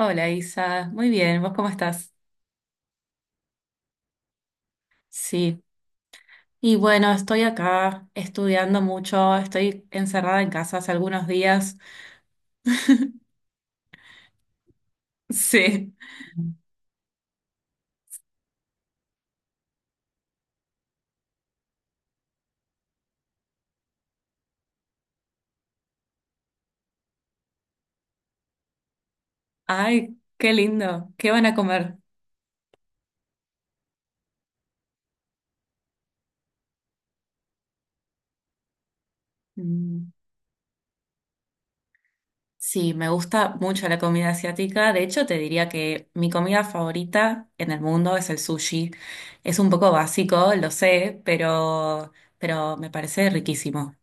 Hola Isa, muy bien, ¿vos cómo estás? Sí, y bueno, estoy acá estudiando mucho, estoy encerrada en casa hace algunos días. Sí, ay, qué lindo, ¿qué van a comer? Mm. Sí, me gusta mucho la comida asiática, de hecho te diría que mi comida favorita en el mundo es el sushi. Es un poco básico, lo sé, pero me parece riquísimo.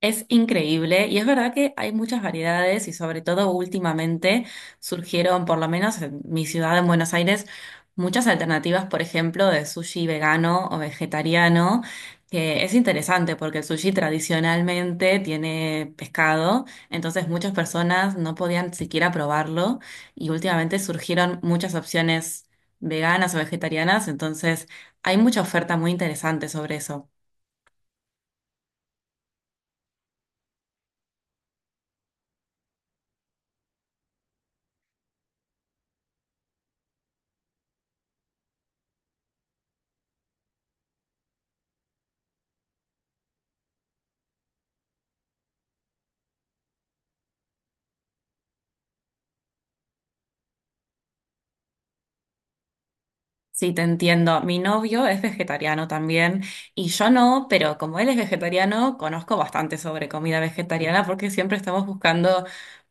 Es increíble y es verdad que hay muchas variedades y sobre todo últimamente surgieron, por lo menos en mi ciudad, en Buenos Aires, muchas alternativas, por ejemplo, de sushi vegano o vegetariano, que es interesante porque el sushi tradicionalmente tiene pescado, entonces muchas personas no podían siquiera probarlo y últimamente surgieron muchas opciones veganas o vegetarianas, entonces hay mucha oferta muy interesante sobre eso. Sí, te entiendo. Mi novio es vegetariano también y yo no, pero como él es vegetariano, conozco bastante sobre comida vegetariana porque siempre estamos buscando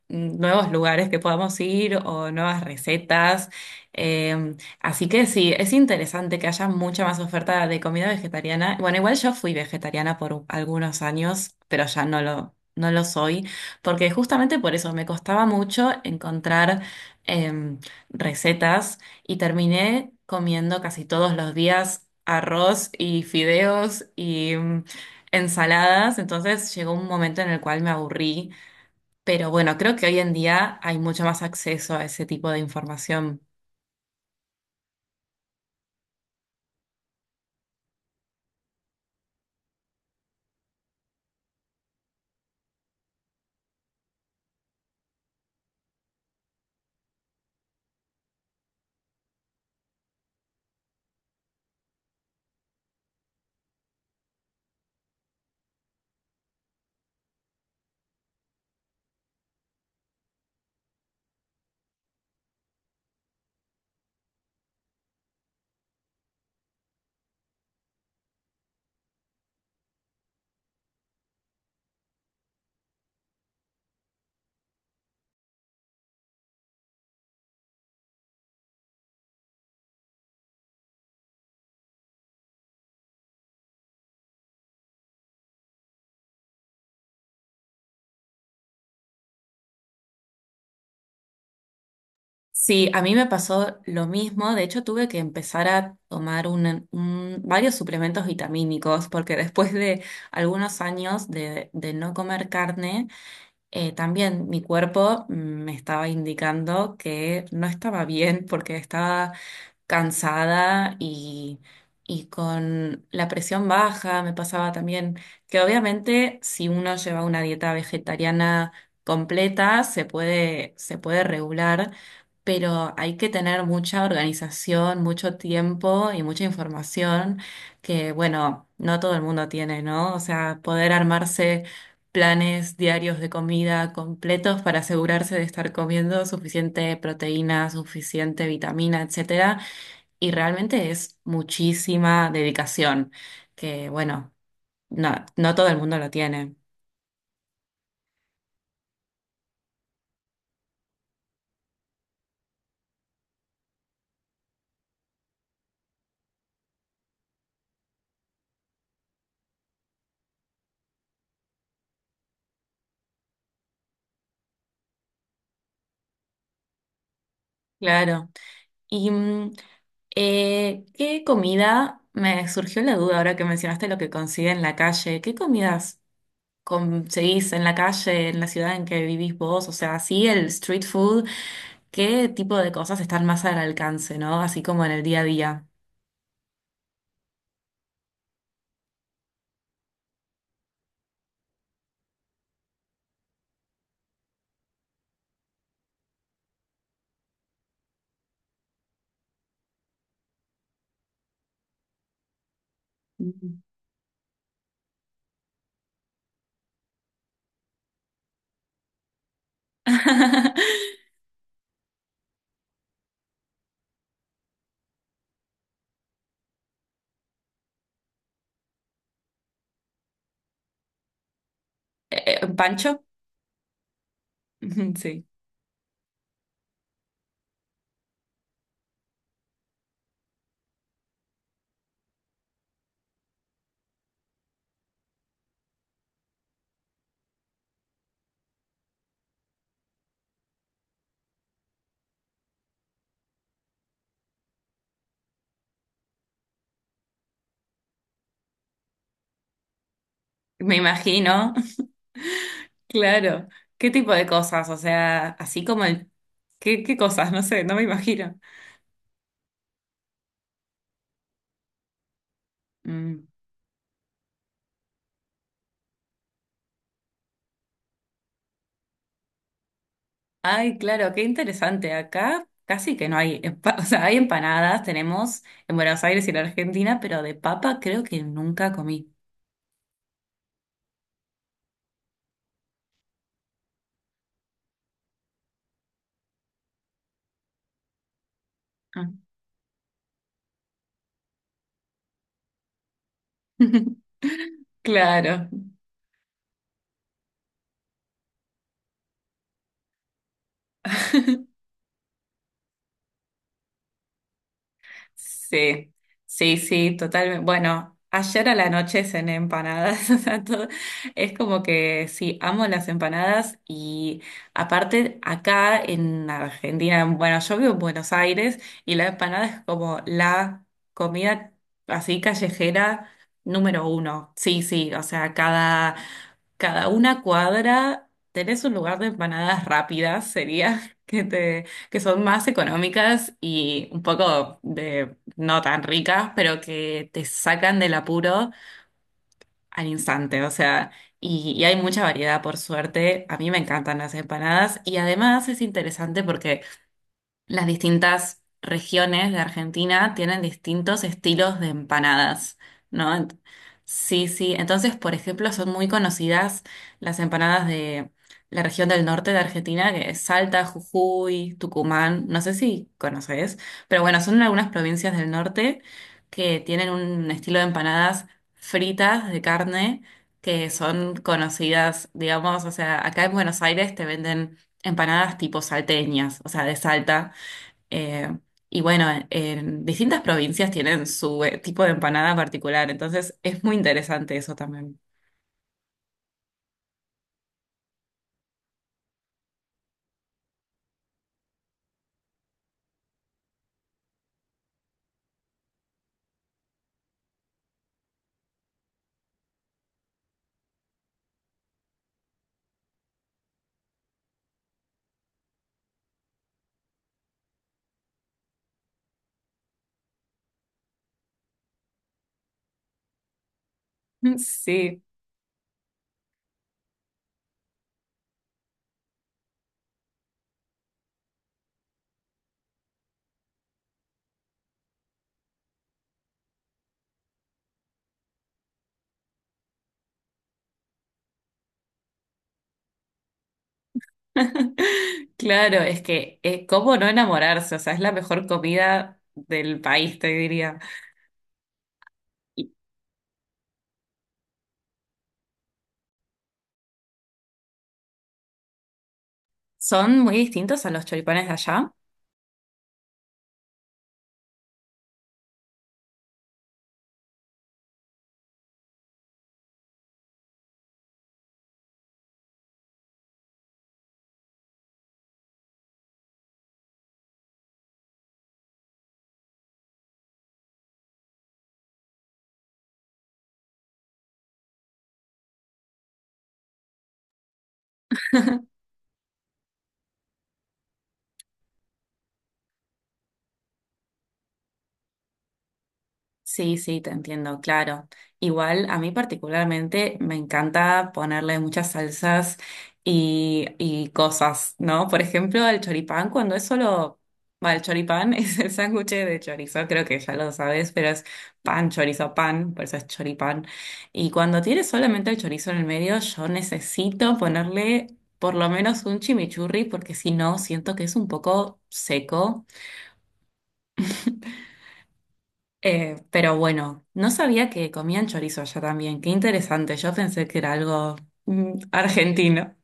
nuevos lugares que podamos ir o nuevas recetas. Eh, Así que sí, es interesante que haya mucha más oferta de comida vegetariana. Bueno, igual yo fui vegetariana por algunos años, pero ya no lo soy, porque justamente por eso me costaba mucho encontrar em, recetas y terminé comiendo casi todos los días arroz y fideos y ensaladas. Entonces llegó un momento en el cual me aburrí. Pero bueno, creo que hoy en día hay mucho más acceso a ese tipo de información. Sí, a mí me pasó lo mismo. De hecho, tuve que empezar a tomar varios suplementos vitamínicos porque después de algunos años de no comer carne, también mi cuerpo me estaba indicando que no estaba bien porque estaba cansada y con la presión baja. Me pasaba también que obviamente si uno lleva una dieta vegetariana completa se puede regular, pero hay que tener mucha organización, mucho tiempo y mucha información que, bueno, no todo el mundo tiene, ¿no? O sea, poder armarse planes diarios de comida completos para asegurarse de estar comiendo suficiente proteína, suficiente vitamina, etcétera. Y realmente es muchísima dedicación, que bueno, no todo el mundo lo tiene. Claro. Y ¿qué comida? Me surgió la duda ahora que mencionaste lo que consigue en la calle. ¿Qué comidas conseguís en la calle, en la ciudad en que vivís vos? O sea, sí, el street food. ¿Qué tipo de cosas están más al alcance, no? Así como en el día a día. Ujú. ¿Pancho? Sí, me imagino. Claro. ¿Qué tipo de cosas? O sea, así como el... ¿Qué, qué cosas? No sé, no me imagino. Mm. Ay, claro, qué interesante. Acá casi que no hay... empa- O sea, hay empanadas, tenemos en Buenos Aires y en Argentina, pero de papa creo que nunca comí. Ah. Claro. Sí, sí, sí, totalmente. Bueno, ayer a la noche cené empanadas, o sea, todo- es como que sí, amo las empanadas y aparte acá en Argentina, bueno, yo vivo en Buenos Aires y la empanada es como la comida así callejera número uno. Sí, sí, o sea, cada una cuadra tenés un lugar de empanadas rápidas, sería que son más económicas y un poco de no tan ricas, pero que te sacan del apuro al instante, o sea, y hay mucha variedad por suerte. A mí me encantan las empanadas y además es interesante porque las distintas regiones de Argentina tienen distintos estilos de empanadas, ¿no? Sí, sí. Entonces, por ejemplo, son muy conocidas las empanadas de la región del norte de Argentina, que es Salta, Jujuy, Tucumán, no sé si conoces, pero bueno, son algunas provincias del norte que tienen un estilo de empanadas fritas de carne que son conocidas, digamos, o sea, acá en Buenos Aires te venden empanadas tipo salteñas, o sea, de Salta, eh, y bueno, en distintas provincias tienen su tipo de empanada particular, entonces es muy interesante eso también. Sí. Claro, es que, ¿cómo no enamorarse? O sea, es la mejor comida del país, te diría. Y son muy distintos a los choripanes de allá. Sí, sí, te entiendo, claro. Igual a mí particularmente me encanta ponerle muchas salsas y cosas, ¿no? Por ejemplo, el choripán, cuando es solo, bueno, el choripán es el sándwich de chorizo, creo que ya lo sabes, pero es pan, chorizo, pan, por eso es choripán. Y cuando tiene solamente el chorizo en el medio, yo necesito ponerle por lo menos un chimichurri, porque si no, siento que es un poco seco. Pero bueno, no sabía que comían chorizo allá también. Qué interesante. Yo pensé que era algo argentino.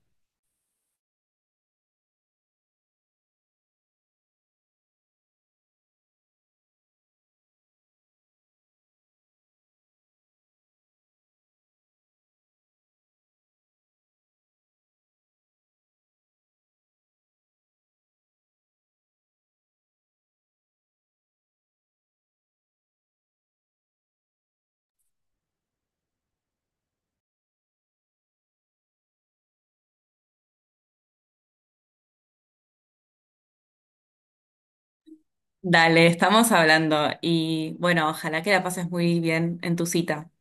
Dale, estamos hablando y bueno, ojalá que la pases muy bien en tu cita.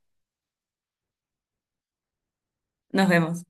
Nos vemos.